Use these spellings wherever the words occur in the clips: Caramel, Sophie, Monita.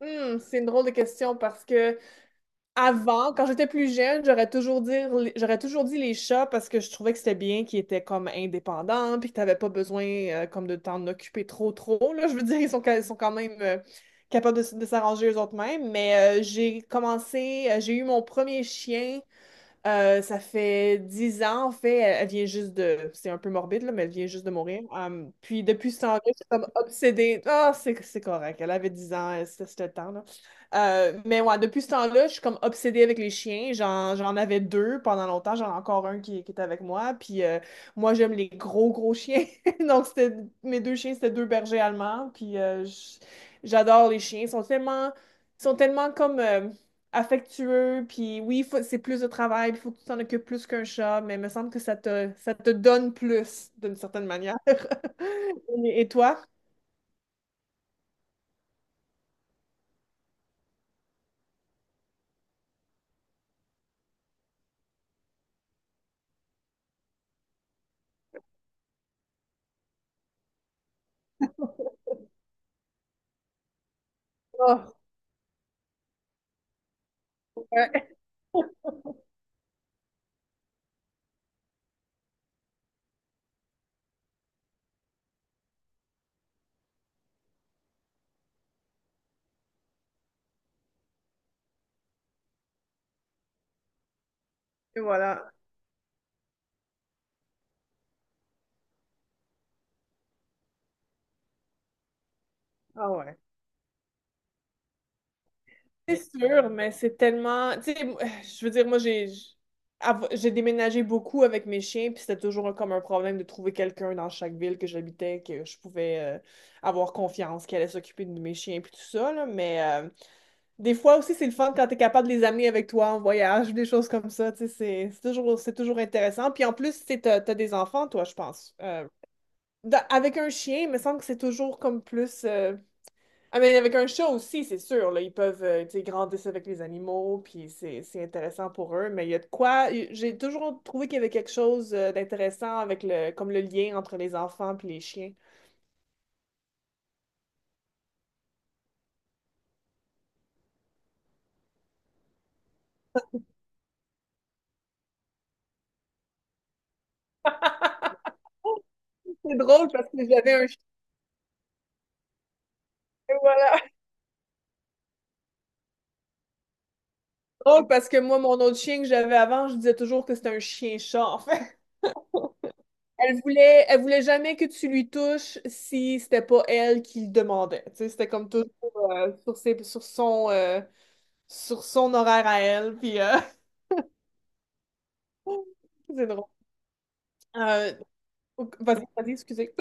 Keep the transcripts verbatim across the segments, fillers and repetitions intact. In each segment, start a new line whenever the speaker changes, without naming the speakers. Hmm, c'est une drôle de question parce que avant, quand j'étais plus jeune, j'aurais toujours dit, j'aurais toujours dit les chats parce que je trouvais que c'était bien qu'ils étaient comme indépendants puis que t'avais pas besoin euh, comme de t'en occuper trop trop là. Je veux dire, ils sont, quand- ils sont quand même euh, capables de, s- de s'arranger eux autres mêmes. Mais euh, j'ai commencé, euh, j'ai eu mon premier chien euh, ça fait dix ans, en fait. Elle, elle vient juste de. C'est un peu morbide, là, mais elle vient juste de mourir. Um, puis depuis ce temps-là, je suis comme obsédée. Ah, c'est c'est correct. Elle avait dix ans, elle- c'était c'était le temps, là. Euh, mais ouais, depuis ce temps-là, je suis comme obsédée avec les chiens. J'en, j'en avais deux pendant longtemps. J'en ai encore un qui, qui est avec moi. Puis euh, moi, j'aime les gros, gros chiens. Donc, c'était mes deux chiens, c'était deux bergers allemands. Puis euh, j- j'adore les chiens. Ils sont tellement. Ils sont tellement comme. euh, affectueux, puis oui, faut- c'est plus de travail, il faut que tu t'en occupes plus qu'un chat, mais il me semble que ça te, ça te donne plus, d'une certaine manière. Et et toi? Oh, ouais. Et voilà. Ah ouais. C'est sûr, mais c'est tellement. Tu sais, moi, je veux dire, moi, j'ai j'- av- j'ai déménagé beaucoup avec mes chiens, puis c'était toujours comme un problème de trouver quelqu'un dans chaque ville que j'habitais, que je pouvais euh, avoir confiance, qui allait s'occuper de mes chiens, puis tout ça, là, mais euh, des fois aussi, c'est le fun quand tu es capable de les amener avec toi en voyage, des choses comme ça. Tu sais, C'est c'est toujours, c'est toujours intéressant. Puis en plus, tu as, des enfants, toi, je pense. Euh, dans- avec un chien, il me semble que c'est toujours comme plus. euh, Ah, mais avec un chat aussi, c'est sûr. Là, ils peuvent euh, tu sais, grandir avec les animaux, puis c'est c'est intéressant pour eux. Mais il y a de quoi. euh, J'ai toujours trouvé qu'il y avait quelque chose euh, d'intéressant avec le, comme le lien entre les enfants puis les chiens. C'est drôle parce que j'avais un chien, voilà. Drôle parce que moi, mon autre chien que j'avais avant, je disais toujours que c'était un chien-chat. Elle voulait, elle voulait jamais que tu lui touches si c'était pas elle qui le demandait. Tu sais, c'était comme toujours euh, sur ses, sur son, euh, sur son horaire à elle. Puis euh, c'est drôle. Euh, ok, vas-y, vas-y, excusez.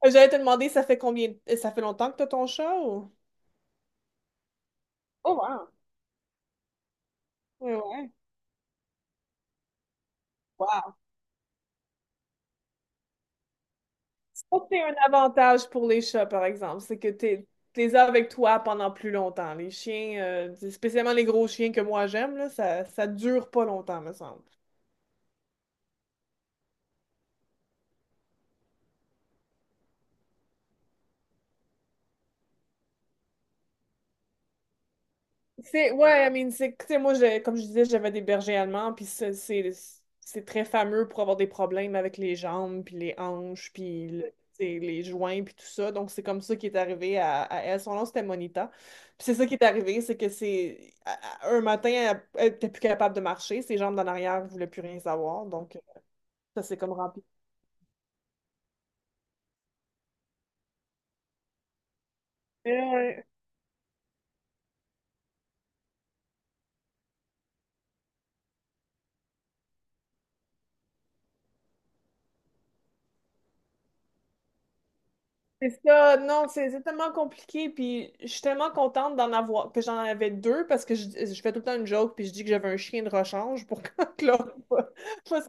J'allais te demander, ça fait combien, ça fait longtemps que t'as ton chat ou? Oh wow. Oui, ouais. Wow. Ça, c'est un avantage pour les chats, par exemple, c'est que t'es, t'es avec toi pendant plus longtemps. Les chiens, euh, spécialement les gros chiens que moi j'aime, là, ça, ça dure pas longtemps, me semble. C'est, ouais, I mean, c'est, tu sais, moi, je- comme je disais, j'avais des bergers allemands, puis ça, c'est c'est très fameux pour avoir des problèmes avec les jambes, puis les hanches, puis le- tu sais, les joints, puis tout ça. Donc, c'est comme ça qui est arrivé à, à elle. Son nom, c'était Monita. Puis c'est ça qui est arrivé, c'est que c'est à- à- un matin, elle elle était plus capable de marcher, ses jambes d'en arrière ne voulaient plus rien savoir. Donc, ça s'est comme rempli. C'est ça, non, c'est c'est tellement compliqué, puis je suis tellement contente d'en avoir, que j'en avais deux, parce que je, je fais tout le temps une joke, puis je dis que j'avais un chien de rechange pour que l'autre. Fasse.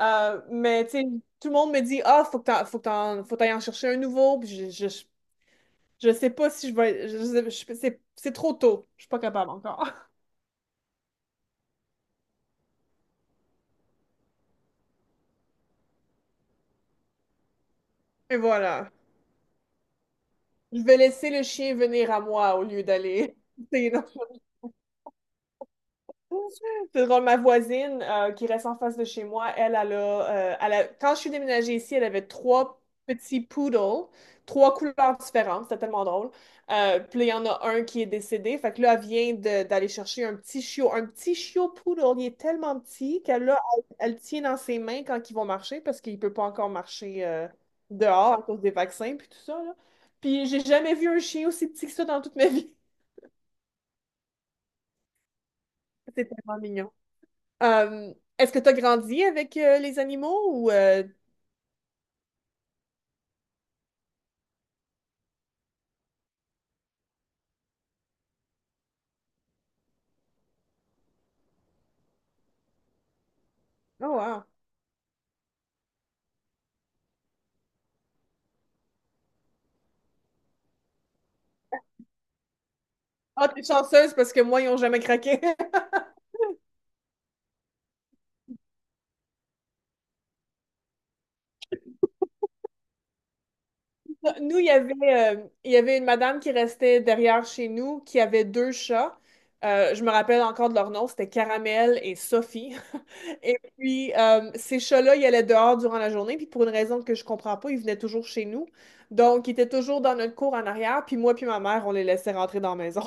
Euh, mais, tu sais, tout le monde me dit, ah, faut que t'en, faut que t'en- faut t'ailles en chercher un nouveau, puis je, je, je sais pas si je vais. je sais- je- c'est c'est trop tôt, je suis pas capable encore. Et voilà. Je vais laisser le chien venir à moi au lieu d'aller. C'est drôle, ma voisine euh, qui reste en face de chez moi, elle, elle a, euh, elle a- quand je suis déménagée ici, elle avait trois petits poodles, trois couleurs différentes, c'était tellement drôle. Euh, puis là, il y en a un qui est décédé, fait que là, elle vient de- d'aller chercher un petit chiot, un petit chiot poodle, il est tellement petit qu'elle là, elle, elle le tient dans ses mains quand ils vont marcher parce qu'il peut pas encore marcher euh, dehors à cause des vaccins puis tout ça, là. Puis j'ai jamais vu un chien aussi petit que ça dans toute ma vie. C'est tellement mignon. Euh, Est-ce que tu as grandi avec euh, les animaux ou. euh, Oh, wow. Ah, t'es chanceuse parce que moi, ils n'ont jamais craqué. Nous, il y avait, euh, il y avait une madame qui restait derrière chez nous qui avait deux chats. Euh, je me rappelle encore de leur nom, c'était Caramel et Sophie. Et puis, euh, ces chats-là, ils allaient dehors durant la journée, puis pour une raison que je comprends pas, ils venaient toujours chez nous. Donc, ils étaient toujours dans notre cour en arrière, puis moi puis ma mère, on les laissait rentrer dans la maison.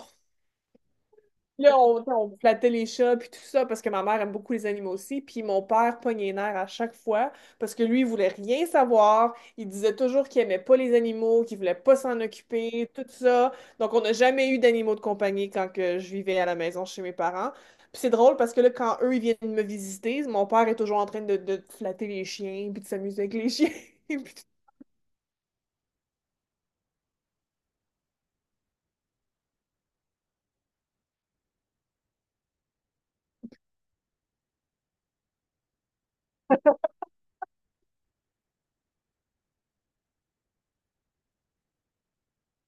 Là, on, on flattait les chats, puis tout ça, parce que ma mère aime beaucoup les animaux aussi. Puis mon père pognait les nerfs à chaque fois, parce que lui, il voulait rien savoir. Il disait toujours qu'il aimait pas les animaux, qu'il voulait pas s'en occuper, tout ça. Donc, on n'a jamais eu d'animaux de compagnie quand que je vivais à la maison chez mes parents. Puis c'est drôle, parce que là, quand eux, ils viennent me visiter, mon père est toujours en train de, de flatter les chiens, puis de s'amuser avec les chiens, puis tout.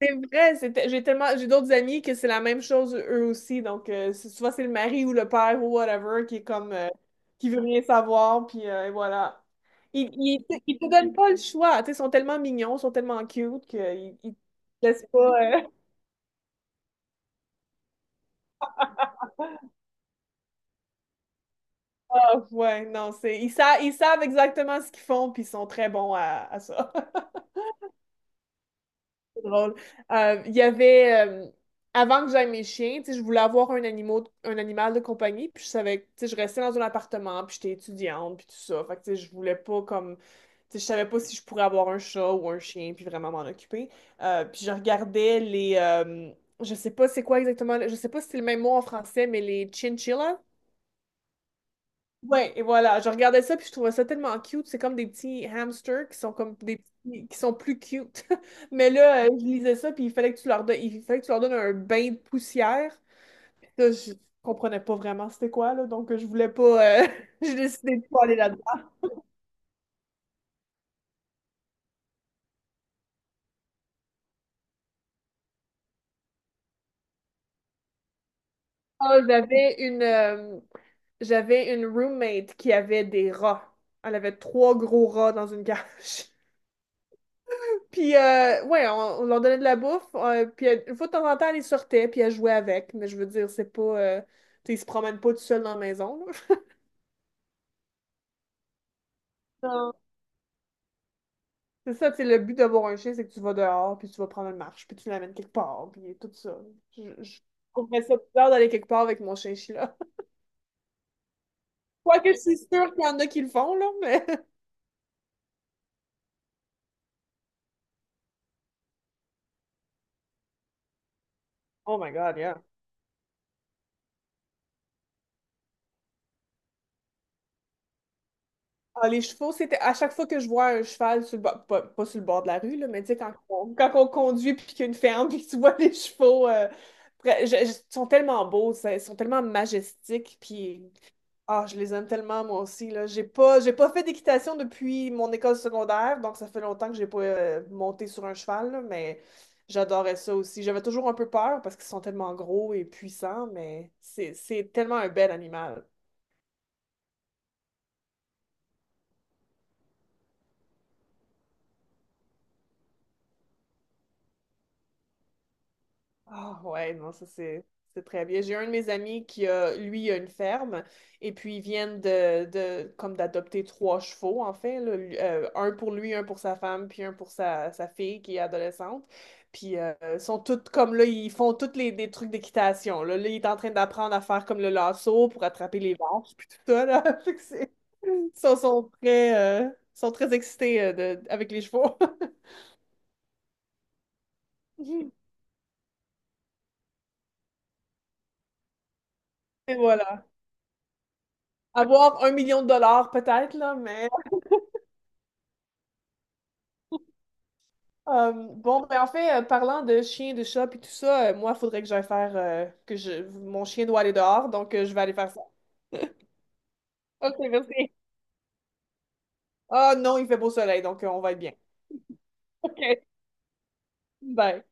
C'est vrai, c'était- j'ai tellement, j'ai d'autres amis que c'est la même chose eux aussi. Donc, euh, c'est- souvent, c'est le mari ou le père ou whatever qui est comme, euh, qui veut rien savoir, puis euh, et voilà. Ils, ils, te ils te donnent pas le choix. Tu sais, ils sont tellement mignons, ils sont tellement cute qu'ils ils te laissent pas. euh, Ah, ouais, non, c'est, ils, sa- ils savent exactement ce qu'ils font, puis ils sont très bons à, à ça. Drôle. Euh, Il y avait, euh, Avant que j'aille mes chiens, tu sais, je voulais avoir un animal, un animal de compagnie, puis je savais, tu sais, je restais dans un appartement, puis j'étais étudiante, puis tout ça. Fait que, tu sais, je voulais pas comme, tu sais, je savais pas si je pourrais avoir un chat ou un chien, puis vraiment m'en occuper. Euh, puis je regardais les, euh, je sais pas c'est quoi exactement, le- je sais pas si c'est le même mot en français, mais les chinchillas. Ouais, et voilà, je regardais ça puis je trouvais ça tellement cute. C'est comme des petits hamsters qui sont comme des petits, qui sont plus cute. Mais là, euh, je lisais ça puis il fallait que tu leur donnes, il fallait que tu leur donnes un bain de poussière. Là, je comprenais pas vraiment c'était quoi là, donc euh, je voulais pas. euh, J'ai décidé de pas aller là-dedans. Ah, j'avais une, euh, J'avais une roommate qui avait des rats. Elle avait trois gros rats dans une cage. Puis, euh, ouais, on, on leur donnait de la bouffe. Euh, puis, elle- une fois de temps en temps, elle les sortait, puis elle jouait avec. Mais je veux dire, c'est pas. Euh, tu sais, ils se promènent pas tout seuls dans la maison, là. Non. C'est ça, tu sais, le but d'avoir un chien, c'est que tu vas dehors, puis tu vas prendre une marche, puis tu l'amènes quelque part, puis tout ça. Je, je trouverais ça bizarre d'aller quelque part avec mon chien-chien, là. Quoique, je suis sûre qu'il y en a qui le font, là, mais. Oh my God, yeah. Ah, les chevaux, c'était à chaque fois que je vois un cheval sur le bord, pas, pas sur le bord de la rue, là, mais tu sais, quand on, quand on conduit puis qu'il y a une ferme puis que tu vois les chevaux, euh, près- je- je- ils sont tellement beaux, ça, ils sont tellement majestiques puis ah, je les aime tellement moi aussi, là. J'ai pas, j'ai pas fait d'équitation depuis mon école secondaire, donc ça fait longtemps que j'ai pas euh, monté sur un cheval, là, mais j'adorais ça aussi. J'avais toujours un peu peur parce qu'ils sont tellement gros et puissants, mais c'est, c'est tellement un bel animal. Ah ouais, non, ça c'est c'est très bien. J'ai un de mes amis qui a, lui, a une ferme, et puis ils viennent de, de comme d'adopter trois chevaux, en fait, là. Lui- euh, un pour lui, un pour sa femme, puis un pour sa, sa fille qui est adolescente. Puis euh, ils sont toutes comme là, ils font tous les des trucs d'équitation. Là. Là, il est en train d'apprendre à faire comme le lasso pour attraper les vaches, puis tout ça, là. Fait que c'est. Ils sont, sont très, euh, sont très excités euh, de- avec les chevaux. Et voilà. Avoir un million de dollars peut-être, là, mais. Euh, bon, ben en fait, euh, parlant de chiens, de chats et tout ça, euh, moi, il faudrait que j'aille faire euh, que je mon chien doit aller dehors, donc euh, je vais aller faire ça. OK, merci. Ah non, il fait beau soleil, donc euh, on va être bien. OK, bye.